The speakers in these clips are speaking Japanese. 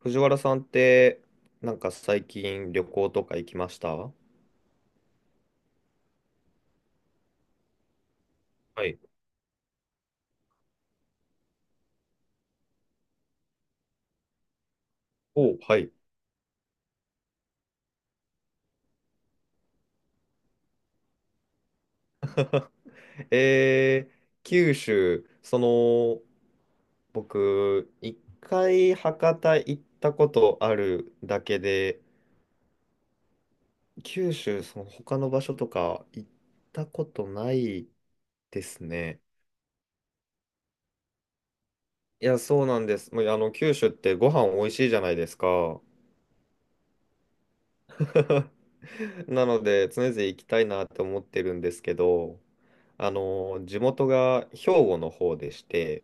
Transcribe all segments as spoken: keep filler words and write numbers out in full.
藤原さんって、なんか最近旅行とか行きました？はい。お、はい。えー、九州、その、僕、一回博多行ったことあるだけで、九州、その他の場所とか行ったことないですね。いや、そうなんです。もう、あの、九州ってご飯美味しいじゃないですか。なので、常々行きたいなって思ってるんですけど、あの、地元が兵庫の方でして、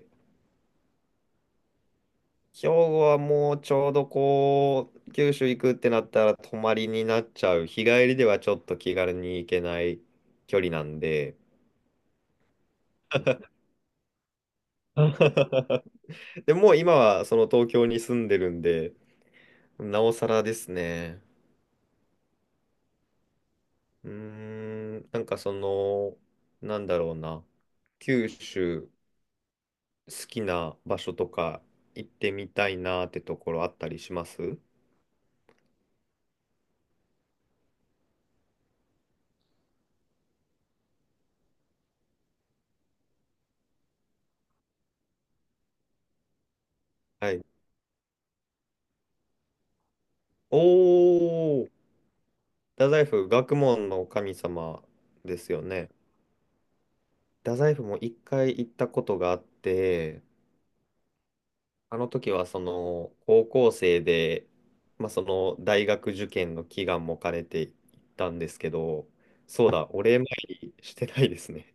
兵庫はもうちょうどこう、九州行くってなったら泊まりになっちゃう。日帰りではちょっと気軽に行けない距離なんで。でもう今はその東京に住んでるんで、なおさらですね。うーん、なんかその、なんだろうな。九州、好きな場所とか行ってみたいなってところあったりします？はい。お、太宰府、学問の神様ですよね。太宰府も一回行ったことがあって、あの時はその高校生で、まあ、その大学受験の祈願も兼ねて行ったんですけど、そうだ、お礼参りしてないですね。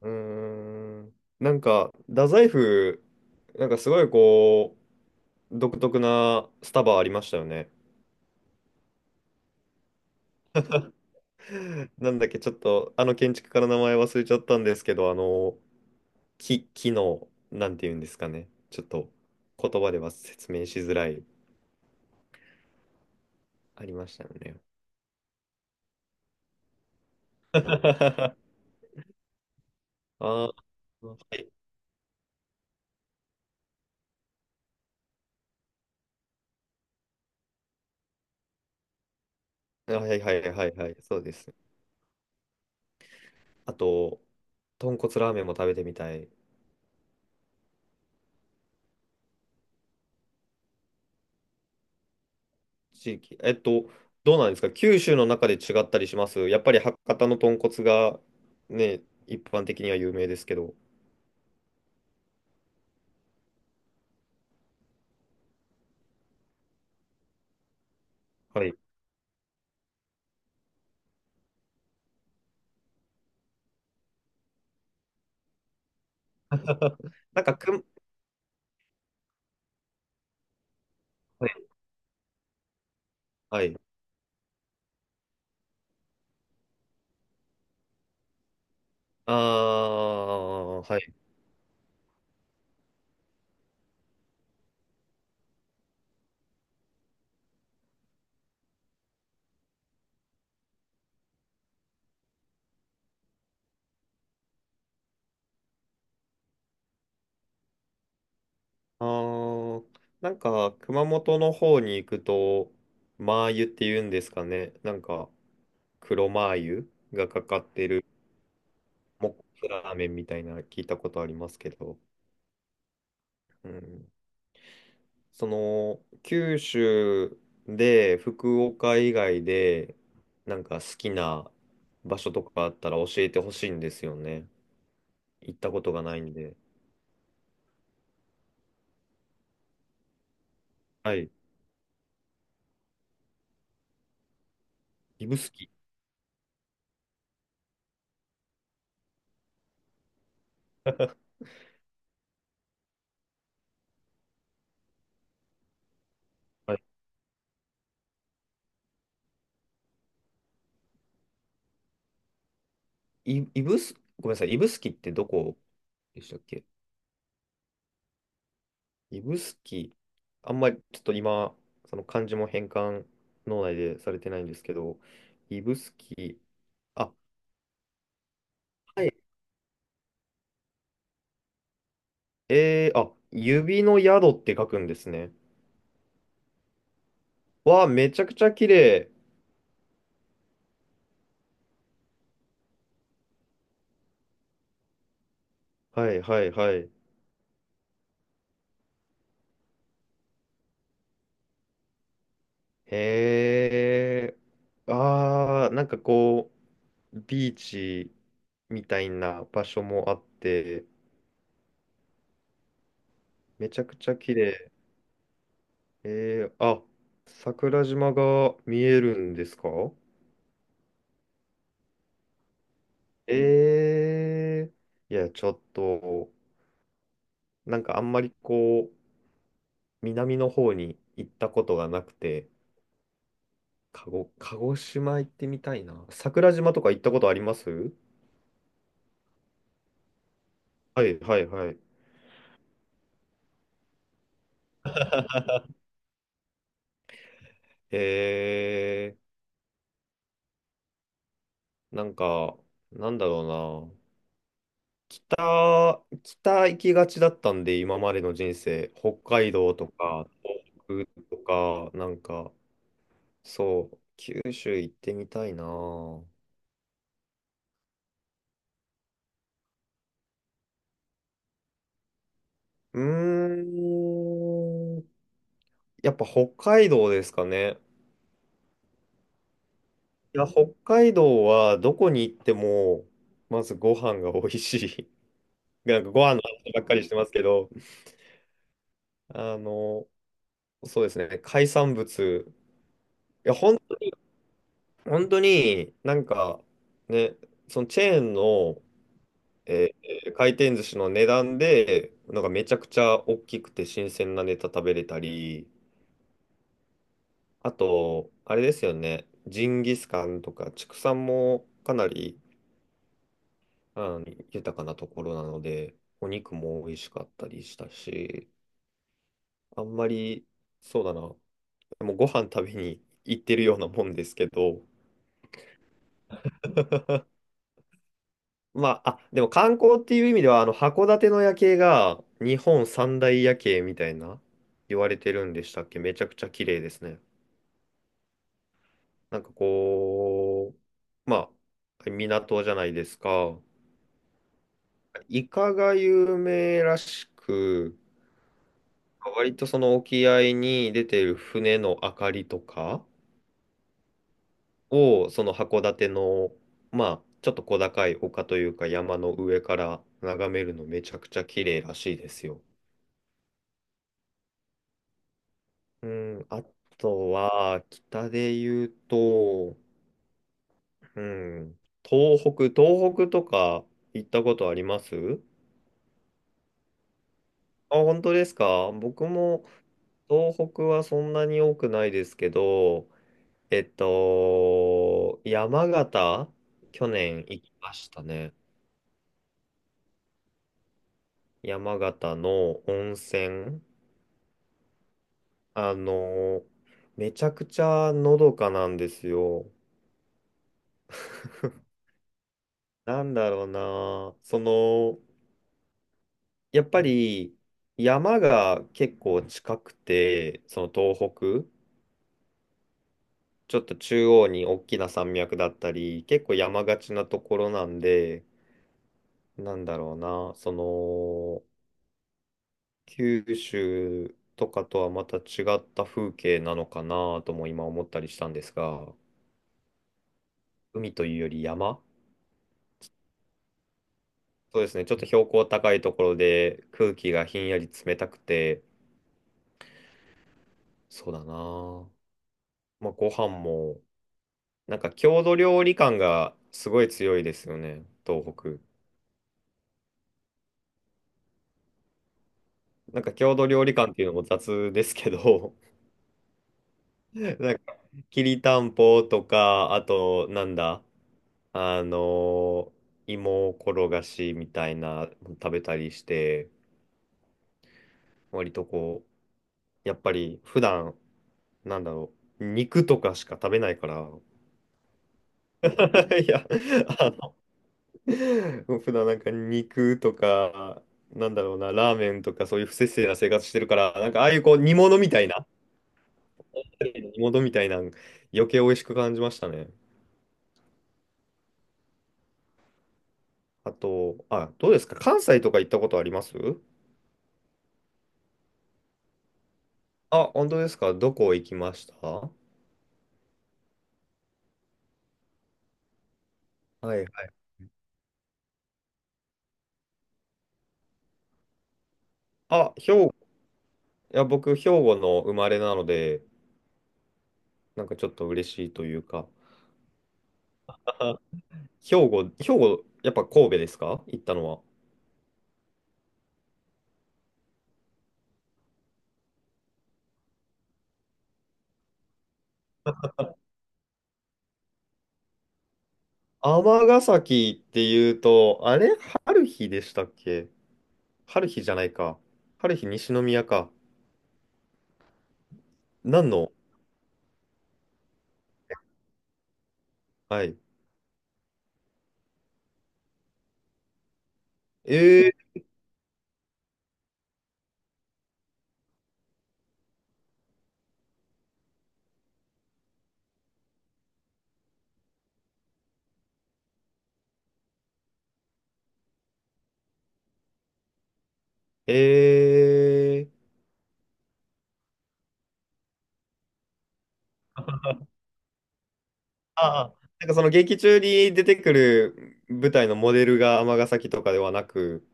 うーん。なんか、太宰府、なんかすごいこう、独特なスタバありましたよね。なんだっけ、ちょっと、あの建築家の名前忘れちゃったんですけど、あの、き、機能、なんて言うんですかね。ちょっと言葉では説明しづらい、ありましたよね。あー、はい。はい、はい、はい、はい、そうです。あと、豚骨ラーメンも食べてみたい。地域。えっと、どうなんですか、九州の中で違ったりします？やっぱり博多の豚骨がね、一般的には有名ですけど。はい。なんかくん、はい。はい。ああ、はい。あー、なんか、熊本の方に行くと、マー油って言うんですかね。なんか、黒マー油がかかってる、もっこすラーメンみたいな、聞いたことありますけど、うん、その、九州で、福岡以外で、なんか好きな場所とかあったら教えてほしいんですよね。行ったことがないんで。はい。指宿。はい。い、指宿、ごめんなさい。指宿ってどこでしたっけ？指宿、あんまりちょっと今、その漢字も変換、脳内でされてないんですけど、指宿、あ、はい。えー、あ、指の宿って書くんですね。わあ、めちゃくちゃ綺麗。はい、はい、はい。へー、あー、なんかこう、ビーチみたいな場所もあって、めちゃくちゃ綺麗。えー、あ、桜島が見えるんですか？ええ、いや、ちょっと、なんかあんまりこう、南の方に行ったことがなくて、鹿児、鹿児島行ってみたいな。桜島とか行ったことあります？はい、はい、はい。えー、なんか、なんだろうな。北、北行きがちだったんで、今までの人生。北海道とか、東北とか、なんか、そう、九州行ってみたいな。うーん。やっぱ北海道ですかね。いや、北海道はどこに行っても、まずご飯が美味しい。なんかご飯の話ばっかりしてますけど、あの、そうですね、海産物。本当になんかね、そのチェーンの、えー回転寿司の値段で、なんかめちゃくちゃ大きくて新鮮なネタ食べれたり、あと、あれですよね、ジンギスカンとか畜産もかなり、あの、豊かなところなので、お肉も美味しかったりしたし、あんまり、そうだな、もうご飯食べに行ってるようなもんですけど、まあ、あ、でも観光っていう意味では、あの、函館の夜景がにほんさんだいやけいみたいな、言われてるんでしたっけ？めちゃくちゃ綺麗ですね。なんかこう、まあ、港じゃないですか。イカが有名らしく、割とその沖合に出てる船の明かりとかを、その函館の、まあ、ちょっと小高い丘というか山の上から眺めるのめちゃくちゃ綺麗らしいですよ。うん、あとは、北で言うと、うん、東北、東北とか行ったことあります？あ、本当ですか？僕も東北はそんなに多くないですけど、えっと、山形、去年行きましたね。山形の温泉、あの、めちゃくちゃのどかなんですよ。なんだろうな、その、やっぱり山が結構近くて、その東北、ちょっと中央に大きな山脈だったり、結構山がちなところなんで、なんだろうな、その、九州とかとはまた違った風景なのかなとも今思ったりしたんですが、海というより山。そうですね、ちょっと標高高いところで空気がひんやり冷たくて、そうだな。まあ、ご飯も、なんか郷土料理感がすごい強いですよね、東北。なんか郷土料理感っていうのも雑ですけど、なんかきりたんぽとか、あとなんだ、あの、芋転がしみたいなの食べたりして、割とこう、やっぱり普段、なんだろう、肉とかしか食べないから、いや、あの、普段なんか肉とか、なんだろうな、ラーメンとかそういう不摂生な生活してるから、なんかああいうこう煮物みたいな、煮物みたいな、余計美味しく感じましたね。あと、あ、どうですか、関西とか行ったことあります？あ、本当ですか？どこ行きました？はい、はい。あ、兵、いや、僕、兵庫の生まれなので、なんかちょっと嬉しいというか、あ、兵庫、兵庫、やっぱ神戸ですか、行ったのは。尼崎っていうと、あれ春日でしたっけ？春日じゃないか。春日西宮か。何の？はい。えー、えー、ああ、なんかその劇中に出てくる舞台のモデルが尼崎とかではなく、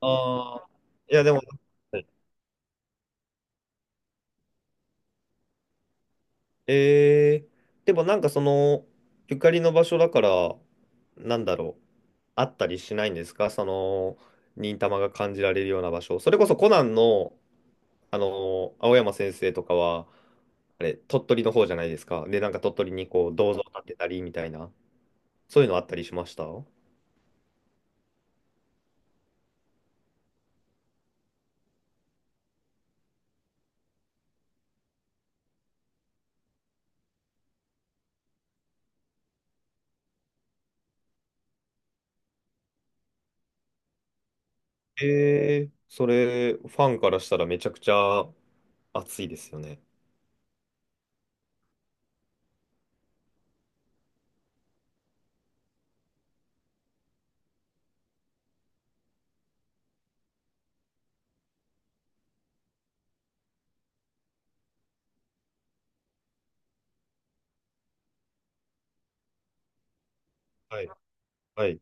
ああ、いや、でも、えー、でもなんかその、ゆかりの場所だから、なんだろう、あったりしないんですか、その、忍たまが感じられるような場所。それこそコナンの、あの、青山先生とかは、あれ、鳥取の方じゃないですか。で、なんか鳥取にこう、銅像建てたりみたいな、そういうのあったりしました？えー、それ、ファンからしたらめちゃくちゃ熱いですよね。はい、はい、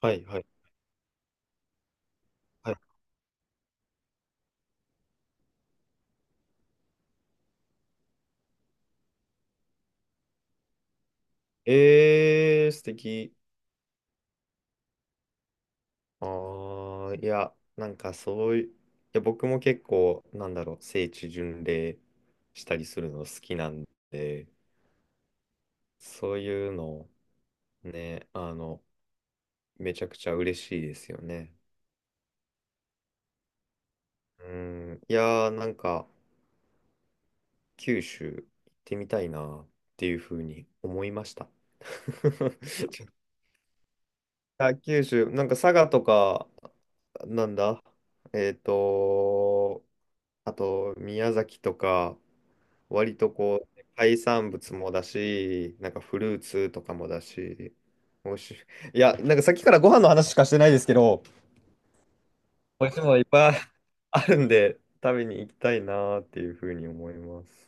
はい、はい。はい、えー、素敵。ああ、いや、なんかそういう、いや、僕も結構、なんだろう、聖地巡礼したりするの好きなんで、そういうの、ね、あの、めちゃくちゃ嬉しいですよね。うん、いやー、なんか、九州行ってみたいなっていうふうに思いました。あ、九州、なんか佐賀とか、なんだ、えっと、あと、宮崎とか、割とこう、海産物もだし、なんかフルーツとかもだし、美味しい。いや、なんかさっきからご飯の話しかしてないですけど、美味しいものいっぱいあるんで、食べに行きたいなーっていうふうに思います。